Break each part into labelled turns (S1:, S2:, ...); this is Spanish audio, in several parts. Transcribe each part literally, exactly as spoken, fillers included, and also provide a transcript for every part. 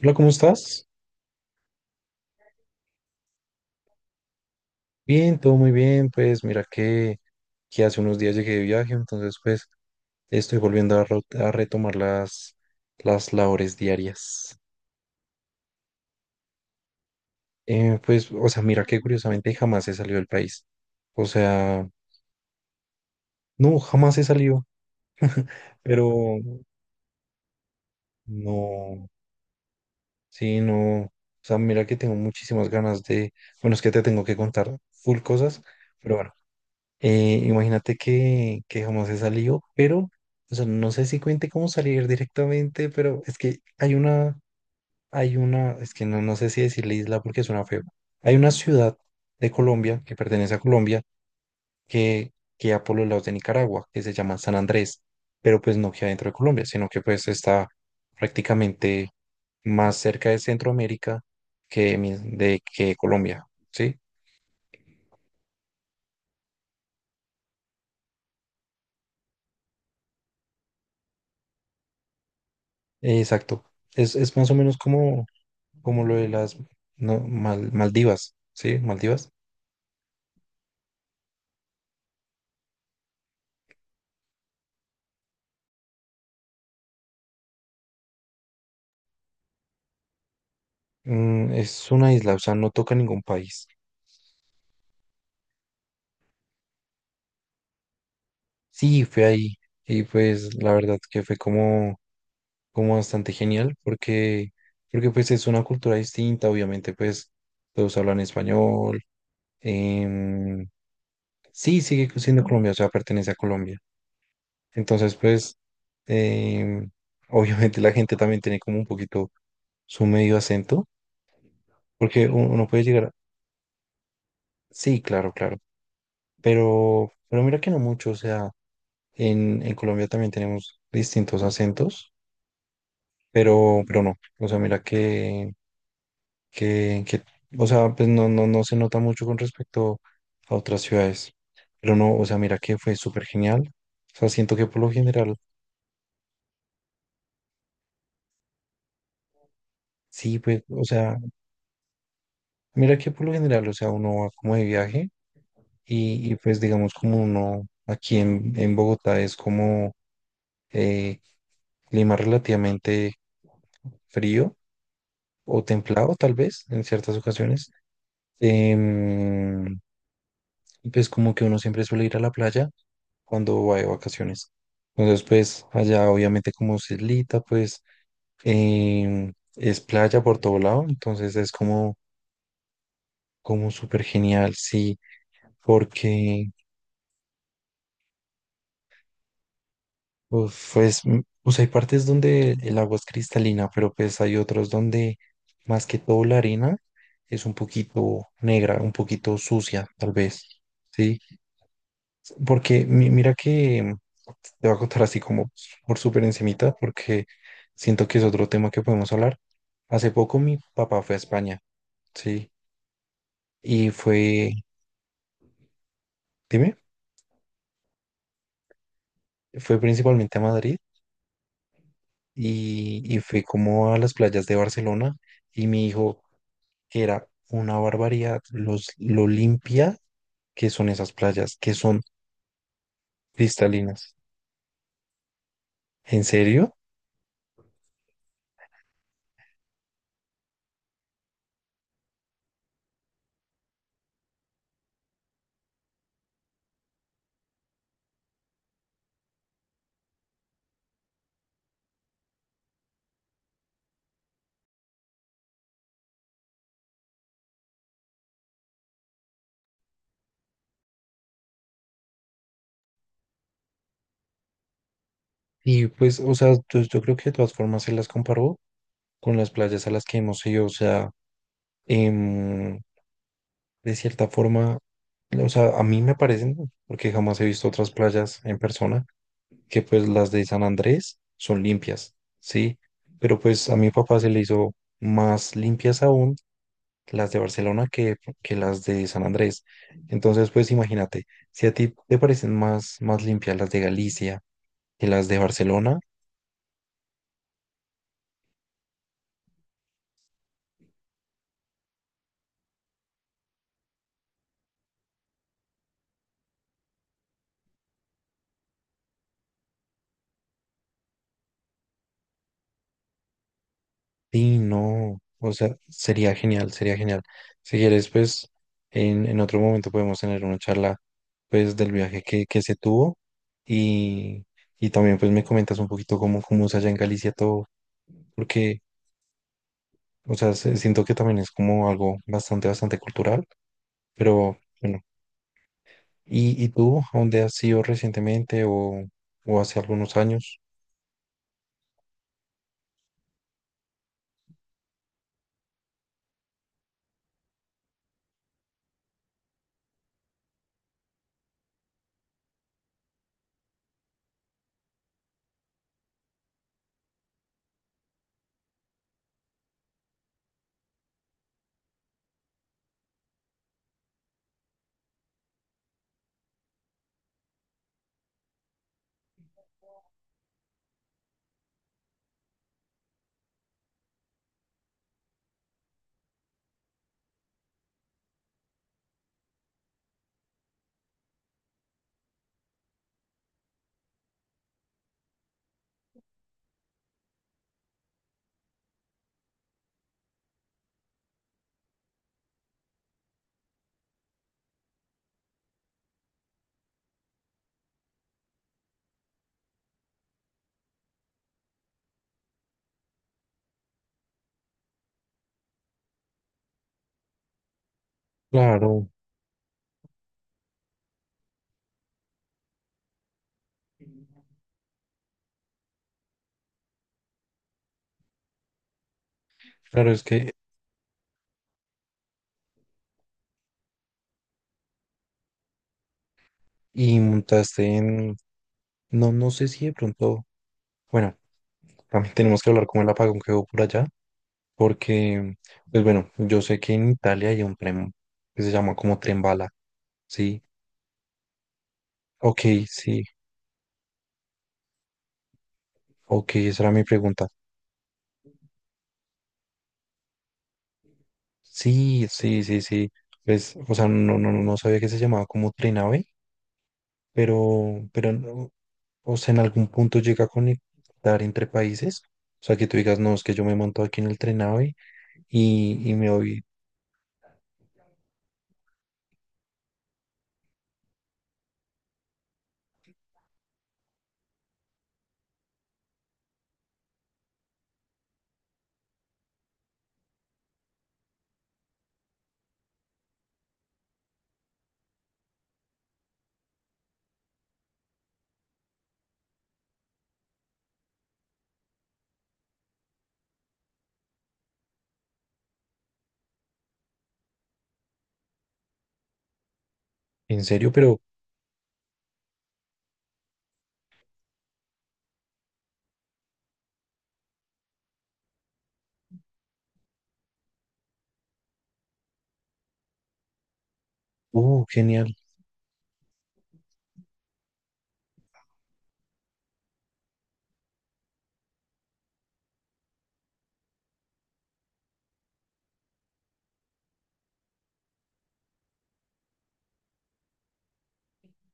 S1: Hola, ¿cómo estás? Bien, todo muy bien. Pues mira que, que hace unos días llegué de viaje, entonces pues estoy volviendo a, ro- a retomar las, las labores diarias. Eh, pues, o sea, mira que curiosamente jamás he salido del país. O sea, no, jamás he salido, pero no, sí, no. O sea, mira que tengo muchísimas ganas de, bueno, es que te tengo que contar full cosas, pero bueno. Eh, imagínate que, que jamás he salido, pero, o sea, no sé si cuente cómo salir directamente, pero es que hay una, hay una, es que no, no sé si decirle isla porque suena feo. Hay una ciudad de Colombia que pertenece a Colombia que queda por los lados de Nicaragua, que se llama San Andrés, pero pues no queda dentro de Colombia, sino que pues está prácticamente más cerca de Centroamérica que, mi- de, que Colombia, ¿sí? Exacto. Es, es más o menos como como lo de las no, Mal- Maldivas, ¿sí? Maldivas. Mm, es una isla, o sea, no toca ningún país. Sí, fue ahí y pues la verdad que fue como, como bastante genial porque, porque pues es una cultura distinta, obviamente pues todos hablan español. em, sí, sigue siendo Colombia, o sea, pertenece a Colombia. Entonces pues em, obviamente la gente también tiene como un poquito su medio acento porque u- uno puede llegar a... Sí, claro, claro. Pero, pero mira que no mucho, o sea, en, en Colombia también tenemos distintos acentos, pero, pero no, o sea, mira que, que, que, o sea, pues no, no, no se nota mucho con respecto a otras ciudades, pero no, o sea, mira que fue súper genial, o sea, siento que por lo general, sí, pues, o sea, mira que por lo general, o sea, uno va como de viaje y, y pues digamos como uno aquí en, en Bogotá es como eh, clima relativamente frío o templado tal vez en ciertas ocasiones. Em, y pues como que uno siempre suele ir a la playa cuando va de vacaciones. Entonces pues allá obviamente como es islita pues em, es playa por todo lado, entonces es como, como súper genial, sí, porque uf, pues, mm, o hay partes donde el agua es cristalina, pero pues hay otros donde más que todo la arena es un poquito negra, un poquito sucia tal vez. ¿Sí? Porque mi- mira que te voy a contar así como por súper encimita, porque siento que es otro tema que podemos hablar. Hace poco mi papá fue a España, sí, y fue, dime, fue principalmente a Madrid y, y fue como a las playas de Barcelona y mi hijo, que era una barbaridad, los, lo limpia que son esas playas, que son cristalinas. ¿En serio? Y pues, o sea, yo, yo creo que de todas formas se las comparó con las playas a las que hemos ido, o sea, em, de cierta forma, o sea, a mí me parecen, porque jamás he visto otras playas en persona, que pues las de San Andrés son limpias, ¿sí? Pero pues a mi papá se le hizo más limpias aún las de Barcelona que, que las de San Andrés. Entonces, pues sí, no, o sea, sería genial, sería genial. Si quieres, pues en, en otro momento podemos tener una charla, pues del viaje que, que se tuvo y, y también pues me comentas un poquito cómo, cómo es allá en Galicia todo, porque, o sea, se- siento que también es como algo bastante, bastante cultural, pero bueno. ¿Y, y tú, a dónde has ido recientemente o, o hace algunos años? Claro, claro, es que, y montaste en, no, no sé si de pronto... Bueno Cami, tenemos que hablar como el apagón que hubo por allá, porque, pues bueno, yo sé que en Italia hay un tren que se llama como tren bala, ¿sí? Ok, sí, ok, esa era mi pregunta. Sí, sí, sí, sí. Pues, o sea, no, no, no sabía que se llamaba como tren A V E, pero, pero, no, o sea, en algún punto llega a conectar entre países. O sea, que tú digas, no, es que yo me monto aquí en el tren A V E y, y me voy, en serio, pero, uh, genial,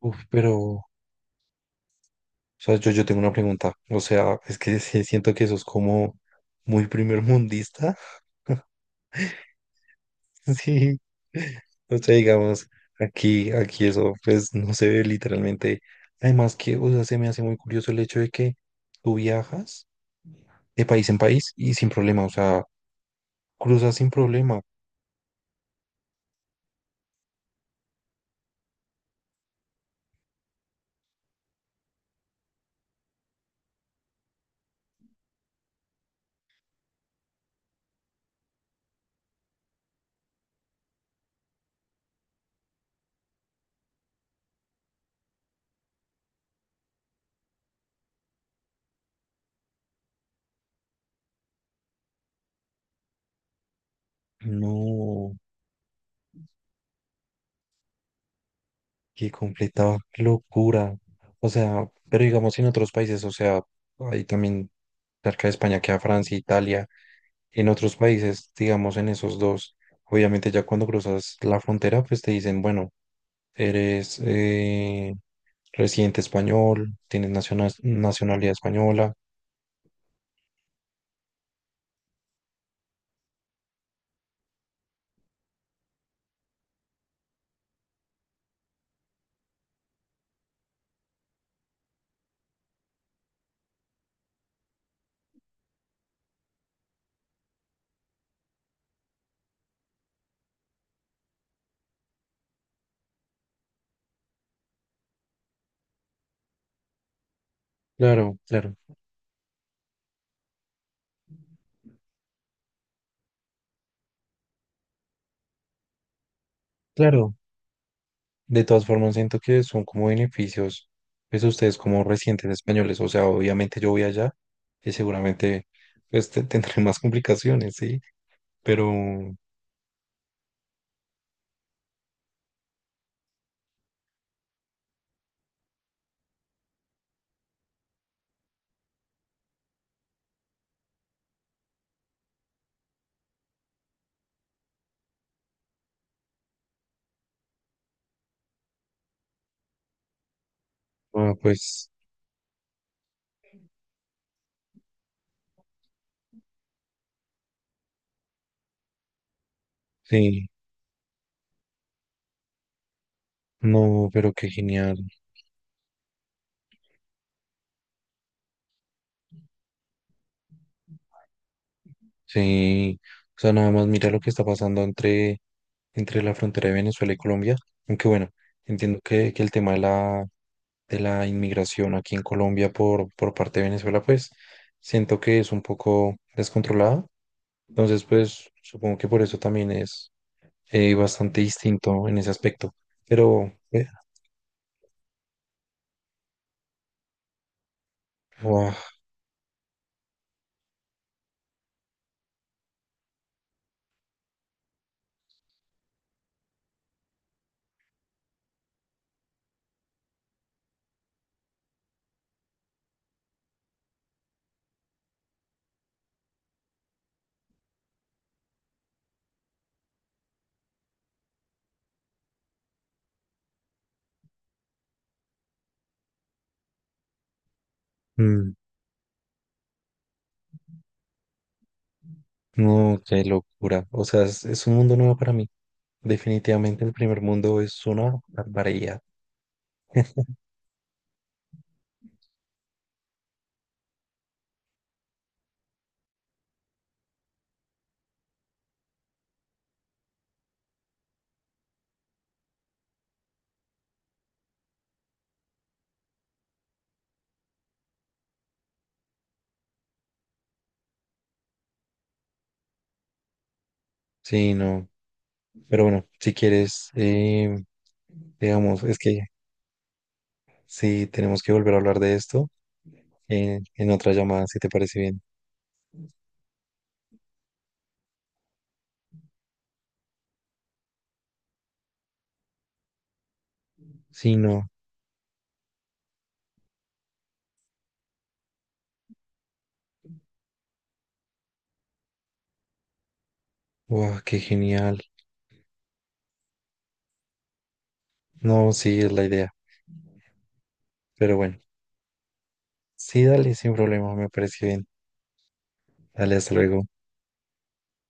S1: uf, pero. O sea, yo, yo tengo una pregunta. O sea, es que sí siento que eso es como muy primer mundista. Sí. O sea, digamos, aquí, aquí eso, pues no se ve literalmente. Además que, o sea, se me hace muy curioso el hecho de que tú viajas de país en país y sin problema. O sea, cruzas sin problema. No, qué completa locura. O sea, pero digamos en otros países, o sea, hay también cerca de España queda Francia, Italia. En otros países, digamos en esos dos, obviamente ya cuando cruzas la frontera, pues te dicen, bueno, eres eh, residente español, tienes nacional nacionalidad española. Claro, claro, claro. De todas formas, siento que son como beneficios, pues ustedes como residentes españoles, o sea, obviamente yo voy allá y seguramente pues te- tendré más complicaciones, ¿sí? Pero, ah, pues sí, no, pero qué genial. Sí, o sea, nada más mira lo que está pasando entre, entre la frontera de Venezuela y Colombia, aunque bueno, entiendo que, que el tema de la, de la inmigración aquí en Colombia por, por parte de Venezuela, pues siento que es un poco descontrolado, entonces pues supongo que por eso también es eh, bastante distinto en ese aspecto, pero eh, ¡guau! Mm, no, qué locura, o sea, es, es un mundo nuevo para mí, definitivamente el primer mundo es una barbaridad, sí, no. Pero bueno, si quieres, eh, digamos, es que sí tenemos que volver a hablar de esto en, en otra llamada, si te parece bien. Sí, no. Wow, qué genial. No, sí, es la idea. Pero bueno, sí, dale, sin problema, me parece bien. Dale, hasta luego.